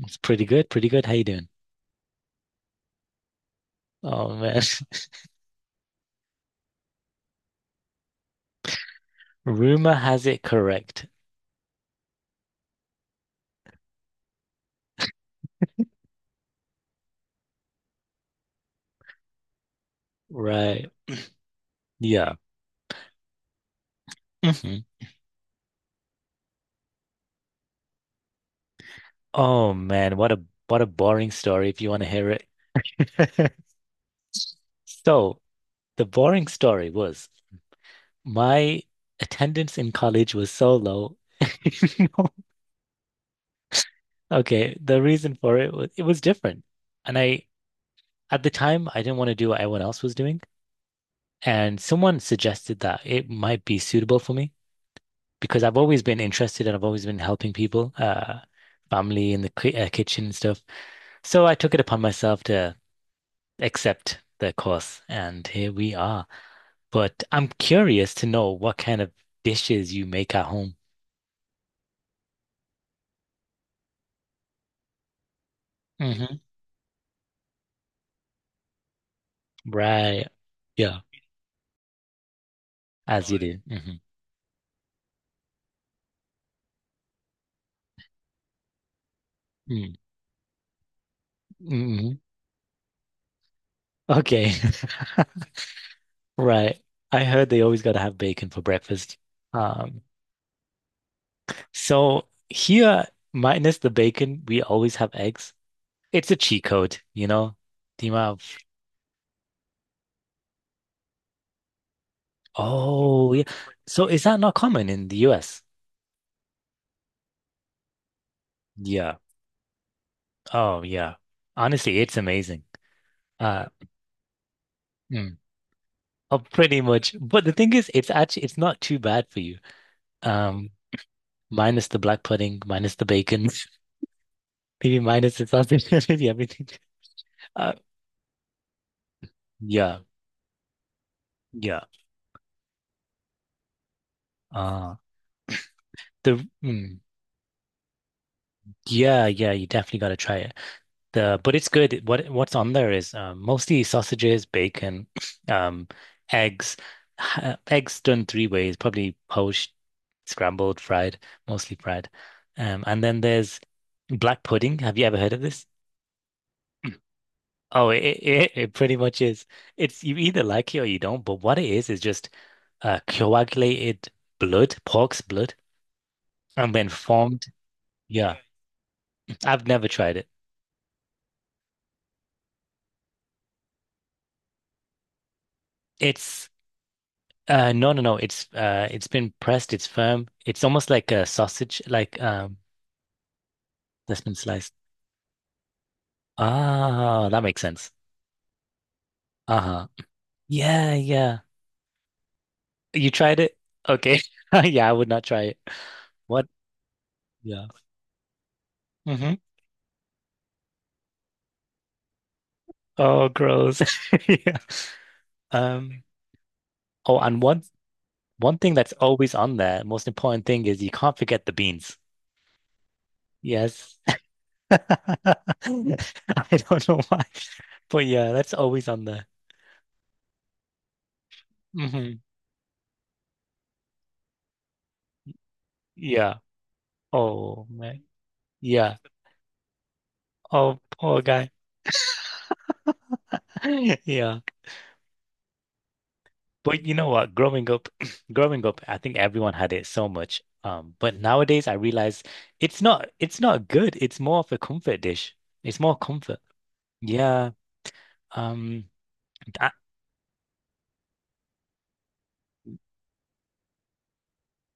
It's pretty good, pretty good. How you doing? Oh man. Rumor has it correct. Right. Yeah. Hmm. Oh man, what a boring story if you want to hear it. So the boring story was my attendance in college was so low. Okay, the reason for it was different. And I at the time I didn't want to do what everyone else was doing. And someone suggested that it might be suitable for me, because I've always been interested and I've always been helping people, family in the ki kitchen and stuff. So I took it upon myself to accept the course, and here we are. But I'm curious to know what kind of dishes you make at home. Hmm. Right. Yeah, as you do. Hmm. Mm. Hmm. Okay. Right. I heard they always got to have bacon for breakfast. Um, so here, minus the bacon, we always have eggs. It's a cheat code, you know, the oh, yeah. So is that not common in the US? Yeah. Oh, yeah. Honestly, it's amazing. Uh, mm. Oh, pretty much. But the thing is, it's actually, it's not too bad for you. Um, Minus the black pudding, minus the bacon, maybe minus the sausage, maybe everything. Uh, yeah. Yeah. Uh, the, mm, yeah, yeah, you definitely got to try it. The but it's good. What's on there is mostly sausages, bacon, um, eggs, eggs done three ways, probably poached, scrambled, fried, mostly fried. And then there's black pudding. Have you ever heard of this? Oh, it it pretty much is. It's you either like it or you don't. But what it is just coagulated blood, pork's blood, and then formed. Yeah, I've never tried it. It's no, no, no. It's been pressed. It's firm. It's almost like a sausage, like that's been sliced. Ah, that makes sense. Uh-huh. Yeah, yeah. You tried it? Okay. Yeah, I would not try it. What? Yeah. Mm-hmm. Oh, gross. Yeah. Um. Oh, and one thing that's always on there, most important thing is you can't forget the beans. Yes. I don't know why, but yeah, that's always on there. Mm-hmm. Yeah. Oh man, yeah. Oh, poor guy. Yeah. But you know what? Growing up, growing up, I think everyone had it so much. But nowadays I realize it's not good. It's more of a comfort dish. It's more comfort. Yeah. Um that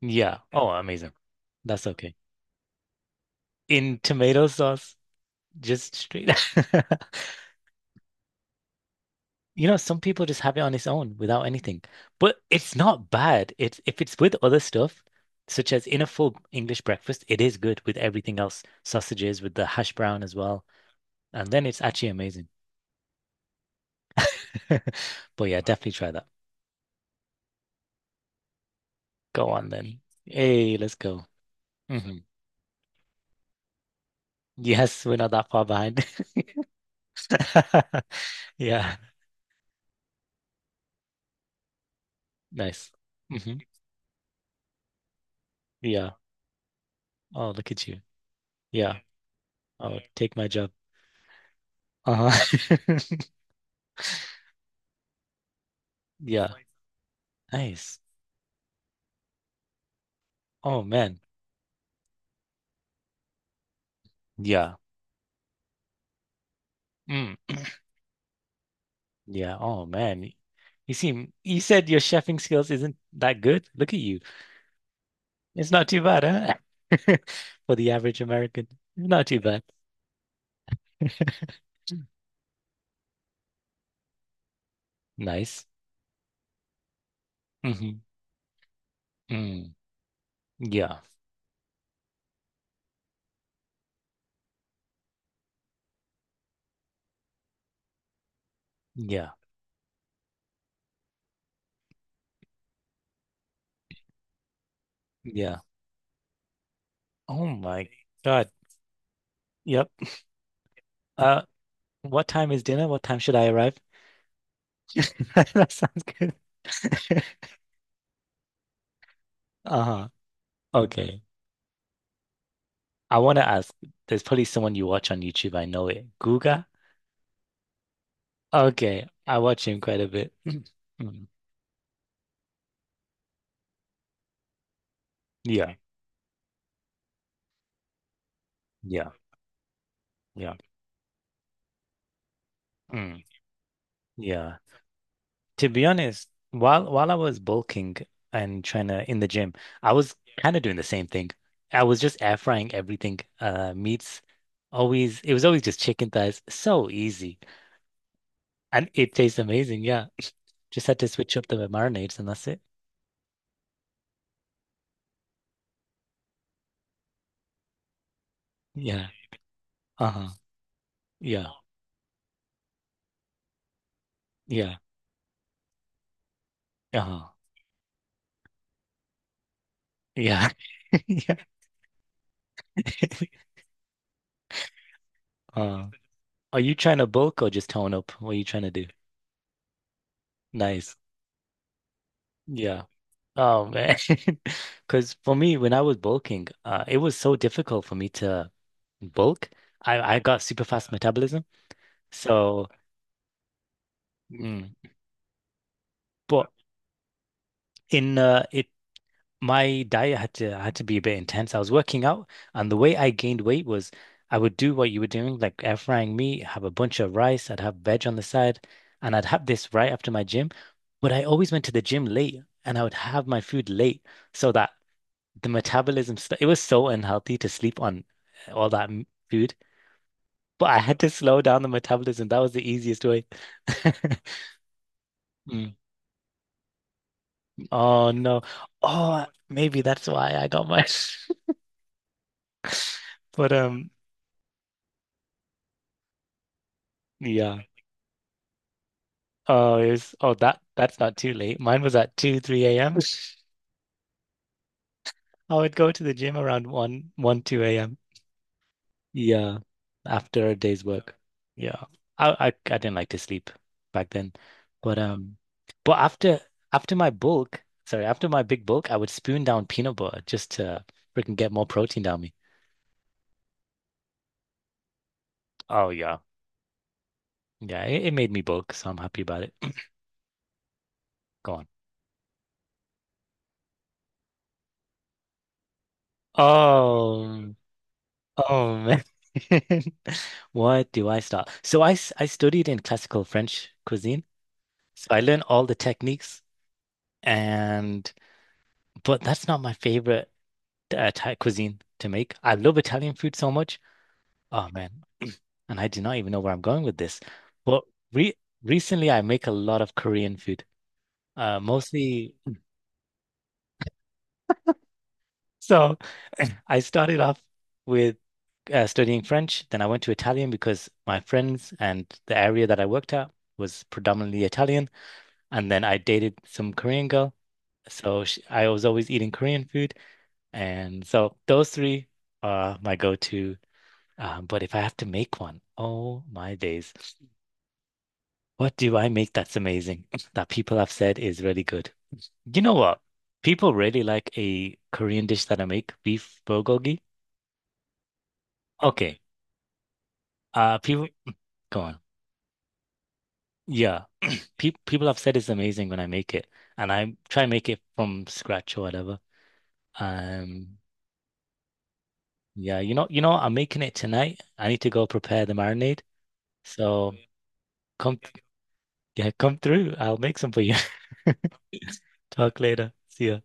Yeah. Oh, amazing. That's okay. In tomato sauce, just straight. You know, some people just have it on its own without anything. But it's not bad. It's if it's with other stuff, such as in a full English breakfast, it is good with everything else, sausages with the hash brown as well. And then it's actually amazing. But yeah, definitely try that. Go on then. Hey, let's go. Hmm. Yes, we're not that far behind. Yeah, nice. Hmm. Yeah. Oh, look at you. Yeah. Oh, take my job. Uh-huh. Yeah. Nice. Oh man. Yeah. Mm. Yeah. Oh man. You said your chefing skills isn't that good. Look at you. It's not too bad, huh? For the average American. Not too bad. Nice. Hmm. Mm. Yeah. Yeah. Yeah. Oh my God. Yep. Uh, what time is dinner? What time should I arrive? That sounds good. Uh-huh. Okay. I want to ask, there's probably someone you watch on YouTube. I know it. Guga? Okay. I watch him quite a bit. Mm. Yeah. Yeah. Yeah. Mm. Yeah. To be honest, while I was bulking and trying to in the gym, I was kind of doing the same thing. I was just air frying everything. Meats always it was always just chicken thighs. So easy. And it tastes amazing. Yeah. Just had to switch up the marinades and that's it. Yeah. Uh-huh. Yeah. Yeah. Uh-huh. Yeah. Yeah. Uh, are you trying to bulk or just tone up? What are you trying to do? Nice. Yeah. Oh man, because for me, when I was bulking, it was so difficult for me to bulk. I got super fast metabolism, so mm, but in it my diet had to be a bit intense. I was working out, and the way I gained weight was I would do what you were doing, like air frying meat, have a bunch of rice, I'd have veg on the side, and I'd have this right after my gym. But I always went to the gym late, and I would have my food late so that the metabolism stuff, it was so unhealthy to sleep on food, but I had to slow down the metabolism. That was the easiest way. Mm. Oh no. Oh, maybe that's why I got mine. But yeah. Oh, it was, oh that that's not too late. Mine was at 2, 3 a.m. I would go to the gym around 2 a.m. Yeah, after a day's work. Yeah. I didn't like to sleep back then. But um but after my bulk, sorry, after my big bulk, I would spoon down peanut butter just to freaking get more protein down me. Oh yeah. Yeah, it made me bulk, so I'm happy about it. Go on. Oh, oh man. What do I start? So I studied in classical French cuisine. So I learned all the techniques and but that's not my favorite Thai cuisine to make. I love Italian food so much. Oh man, and I do not even know where I'm going with this. But re recently, I make a lot of Korean food, mostly. So I started off with studying French. Then I went to Italian because my friends and the area that I worked at was predominantly Italian. And then I dated some Korean girl. So sh I was always eating Korean food. And so those three are my go-to. But if I have to make one, oh my days. What do I make that's amazing that people have said is really good? You know what? People really like a Korean dish that I make, beef bulgogi. Okay. People, go on. Yeah. Pe People have said it's amazing when I make it, and I try and make it from scratch or whatever. Um, yeah, you know, I'm making it tonight. I need to go prepare the marinade. So come, yeah, come through. I'll make some for you. Talk later. See ya.